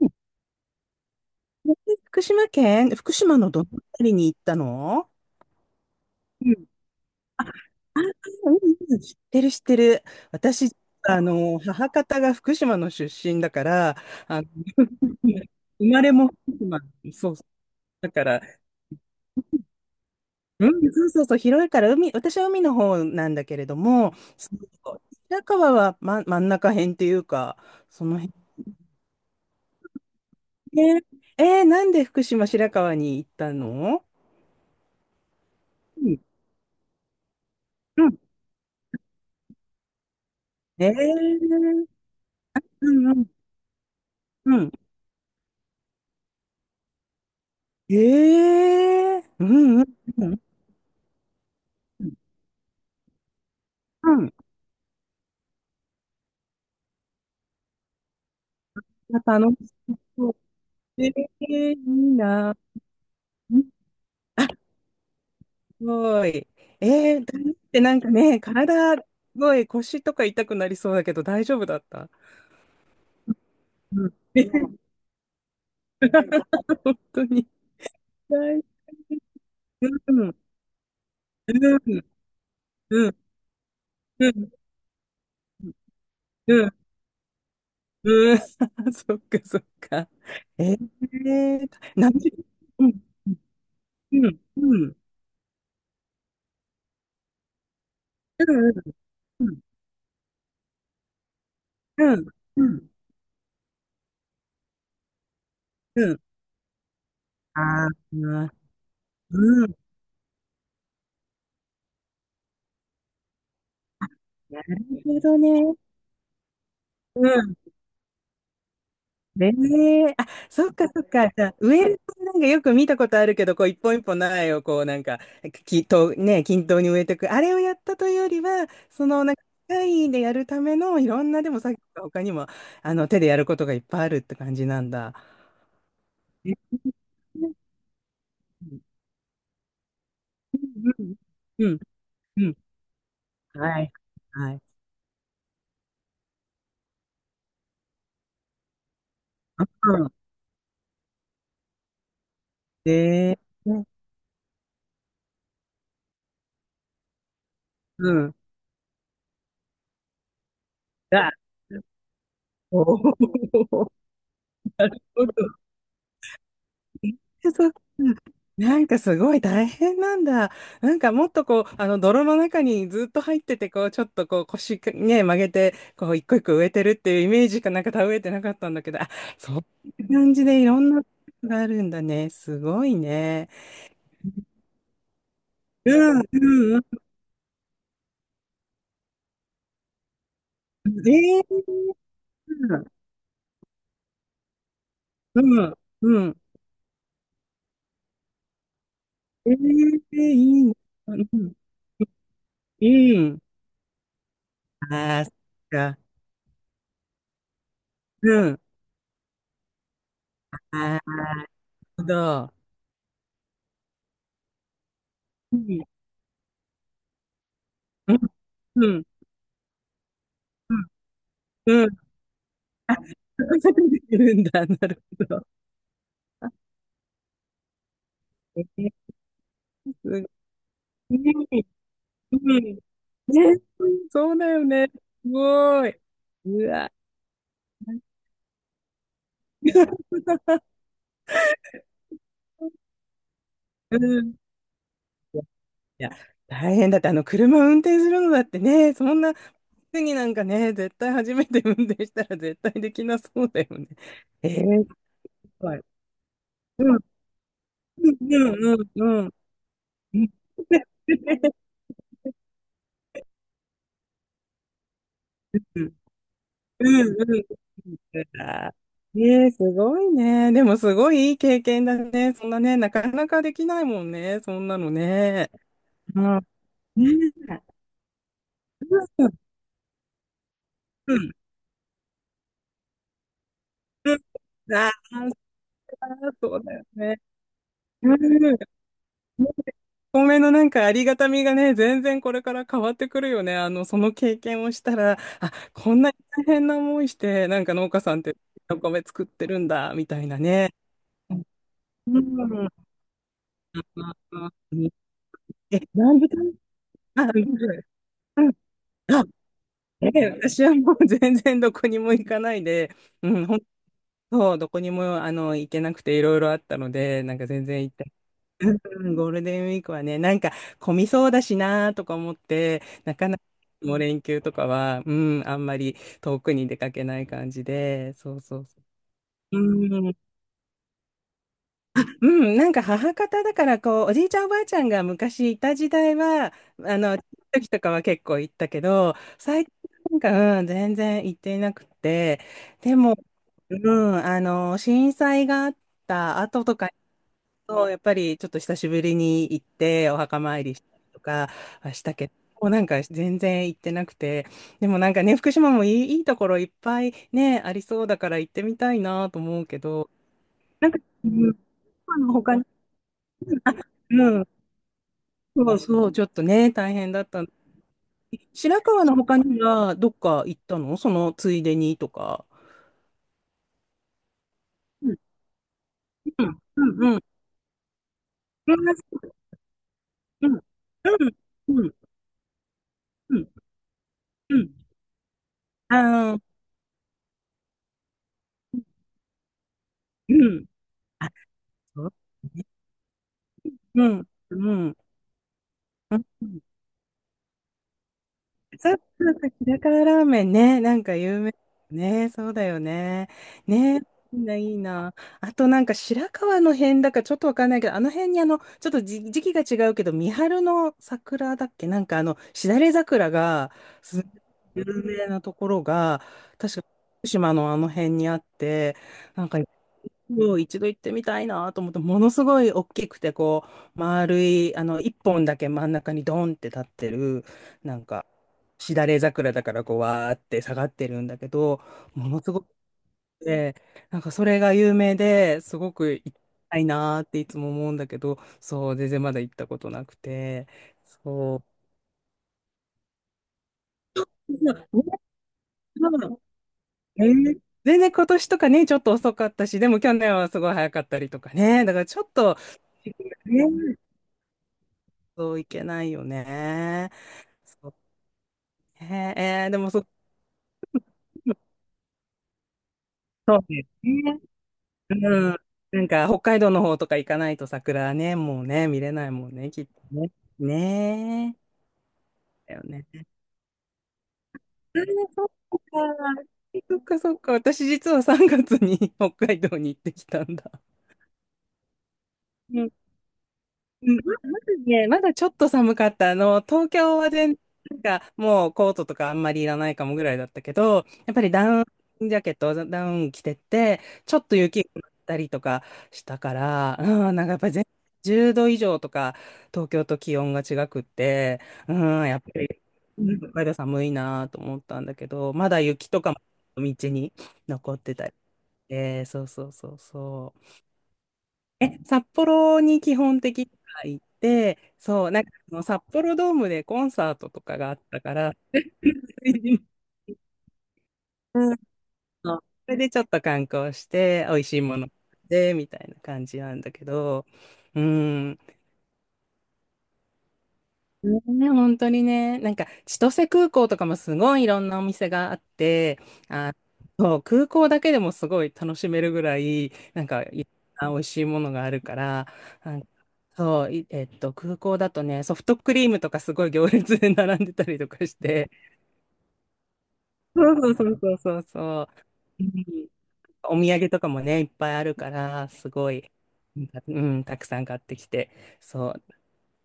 うん。福島県、福島のどの辺りに行ったの？うん。あ、あ、うん、うん、知ってる、知ってる。私、母方が福島の出身だから、あの、生まれも福島、そうそう、だから、うん、そうそうそう、広いから、海、私は海の方なんだけれども、そうそう。白河は、ま、真ん中辺っていうか、その辺。ね。えー、なんで福島白河に行ったの？うん。うん。えー、うん、うん、うん。ええ、うん、うん、うん。うん。あ、楽しそう。ええ、いいな。うん。あ、すごい。ええ、ダンスってなんかね、体、すごい腰とか痛くなりそうだけど大丈夫だった？うん。ええ、本当に。大、うん。うん。うん。うん。うん。うん。うん。 そっか、そっか。ええ、何時、うん。うん。うん。うん。うん。うん。うん。ああ、うん。なるほどね。うん。ね。え。あ、そっか、そっか。じゃあ、植えるとなんかよく見たことあるけど、こう一本一本苗をこうなんか、きと、ね、均等に植えていく。あれをやったというよりは、そのなんか、機械でやるためのいろんなでも作業が他にも、手でやることがいっぱいあるって感じなんだ。え、うん。うん。うん。はい。はい。うん。で、うん。あ、お。お。ほんと。え、そう。なんかすごい大変なんだ。なんかもっとこう、あの泥の中にずっと入ってて、こう、ちょっとこう腰ね、曲げて、こう、一個一個植えてるっていうイメージかなんか植えてなかったんだけど、あ、そういう感じでいろんなことがあるんだね。すごいね。うん、うん、うん。えー、うん、うん。えー、いいね。うん、うん。ああ、そっか。うん。ああ、なるほど。うん、うん、うん。うん、あ、そこ、そこ出てるんだ。なるほど。えー、すごい。うん。ね、そうだよね。すごい。うわ。うん。いや、大変だって、車運転するのだってね、そんな、次なんかね、絶対初めて運転したら絶対できなそうだよね。えー、すごい。うん、うん、うん、うん。うん、うん、うん。ええ、すごいね。でもすごいいい経験だね。そんなね、なかなかできないもんね。そんなのね。うん、ね、え、うん、うん、うん、あー、そうだよね。うん。お米のなんかありがたみがね、全然これから変わってくるよね。その経験をしたら、あ、こんなに大変な思いして、なんか農家さんってお米作ってるんだ、みたいなね。うん。うん。え、何時間。あ、うん、うん。あ、ええ、私はもう全然どこにも行かないで、うん、本当、どこにも行けなくていろいろあったので、なんか全然行って、うん、ゴールデンウィークはね、なんか混みそうだしなとか思って、なかなかもう連休とかは、うん、あんまり遠くに出かけない感じで、そうそうそう。うん、なんか母方だからこうおじいちゃんおばあちゃんが昔いた時代は、あの時とかは結構行ったけど、最近なんか、うん、全然行っていなくて、でも、うん、あの震災があった後とか、そうやっぱりちょっと久しぶりに行ってお墓参りしたりとかはしたけど、もうなんか全然行ってなくて、でもなんかね、福島もいい、いいところいっぱいね、ありそうだから行ってみたいなと思うけど、なんか、うん、他、うん。そうそう、ちょっとね、大変だった。白川の他にはどっか行ったの？そのついでにとか。うん、うん、うん、うん。うん、うん、うん、うん、うん。ああ、うん。あ、そう。うん、うん、うん。そうそうそう、ひらからラーメンね、なんか有名ね、そうだよね。ね、いいな、いいな。あとなんか白河の辺だかちょっとわかんないけど、あの辺にちょっと時期が違うけど、三春の桜だっけなんかしだれ桜が、す有名なところが、確か福島のあの辺にあって、なんかもう一度行ってみたいなと思って、ものすごい大きくて、こう、丸い、一本だけ真ん中にドンって立ってる、なんか、しだれ桜だから、こう、わーって下がってるんだけど、ものすごくて、なんかそれが有名ですごく行きたいなーっていつも思うんだけど、そう、全然まだ行ったことなくて、そう。ね。えー、全然今年とかね、ちょっと遅かったし、でも去年はすごい早かったりとかね、だからちょっと、ね、そういけないよね。そう、ね。えー、でもそ、そうですね。うん。なんか、北海道の方とか行かないと桜ね、もうね、見れないもんね、きっとね。ね。え。だよね。あー、そっか。そっか、そっか。私実は3月に北海道に行ってきたんだ。うん。うん、ま、まずね、まだちょっと寒かった。東京は全然、なんかもうコートとかあんまりいらないかもぐらいだったけど、やっぱりダウンジャケット、ダウン着てって、ちょっと雪が降ったりとかしたから、うん、なんかやっぱり全10度以上とか、東京と気温が違くって、うん、やっぱり、うん、北海道寒いなと思ったんだけど、まだ雪とかも道に残ってたりして、そうそうそうそう。え、札幌に基本的には行って、そう、なんかその札幌ドームでコンサートとかがあったから、うん、それでちょっと観光して、美味しいもので、みたいな感じなんだけど、うん、ね、本当にね、なんか千歳空港とかもすごいいろんなお店があって、あ、そう空港だけでもすごい楽しめるぐらい、なんかいろんな美味しいものがあるから、なんかそう、いえっと、空港だとね、ソフトクリームとかすごい行列で並んでたりとかして、そうそうそうそうそう、うん、お土産とかもね、いっぱいあるから、すごい、うん、たくさん買ってきて、そ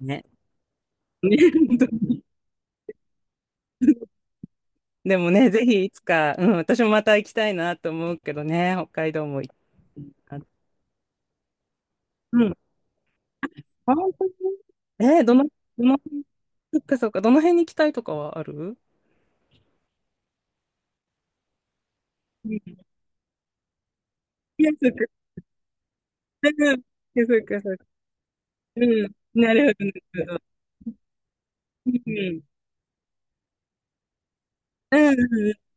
う、ね。ね、本当に、でもね、ぜひいつか、うん、私もまた行きたいなと思うけどね、北海道も行きたいな。うん。あ、本当に。えー、どの、どの、そっか、そっか、どの辺に行きたいとかはある？うん、いや、そっか、うん、いや、そっか、そっか、うん、なるほど、なるほど。うん、うん、うん、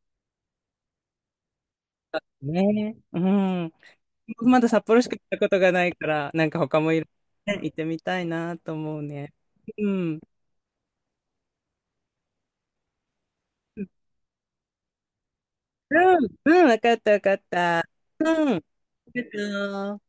ね、うん。まだ札幌しか行ったことがないから、なんか他もいろいろね行ってみたいなと思うね。うん。うん、うん、わかった、わかった。うん。ありがとう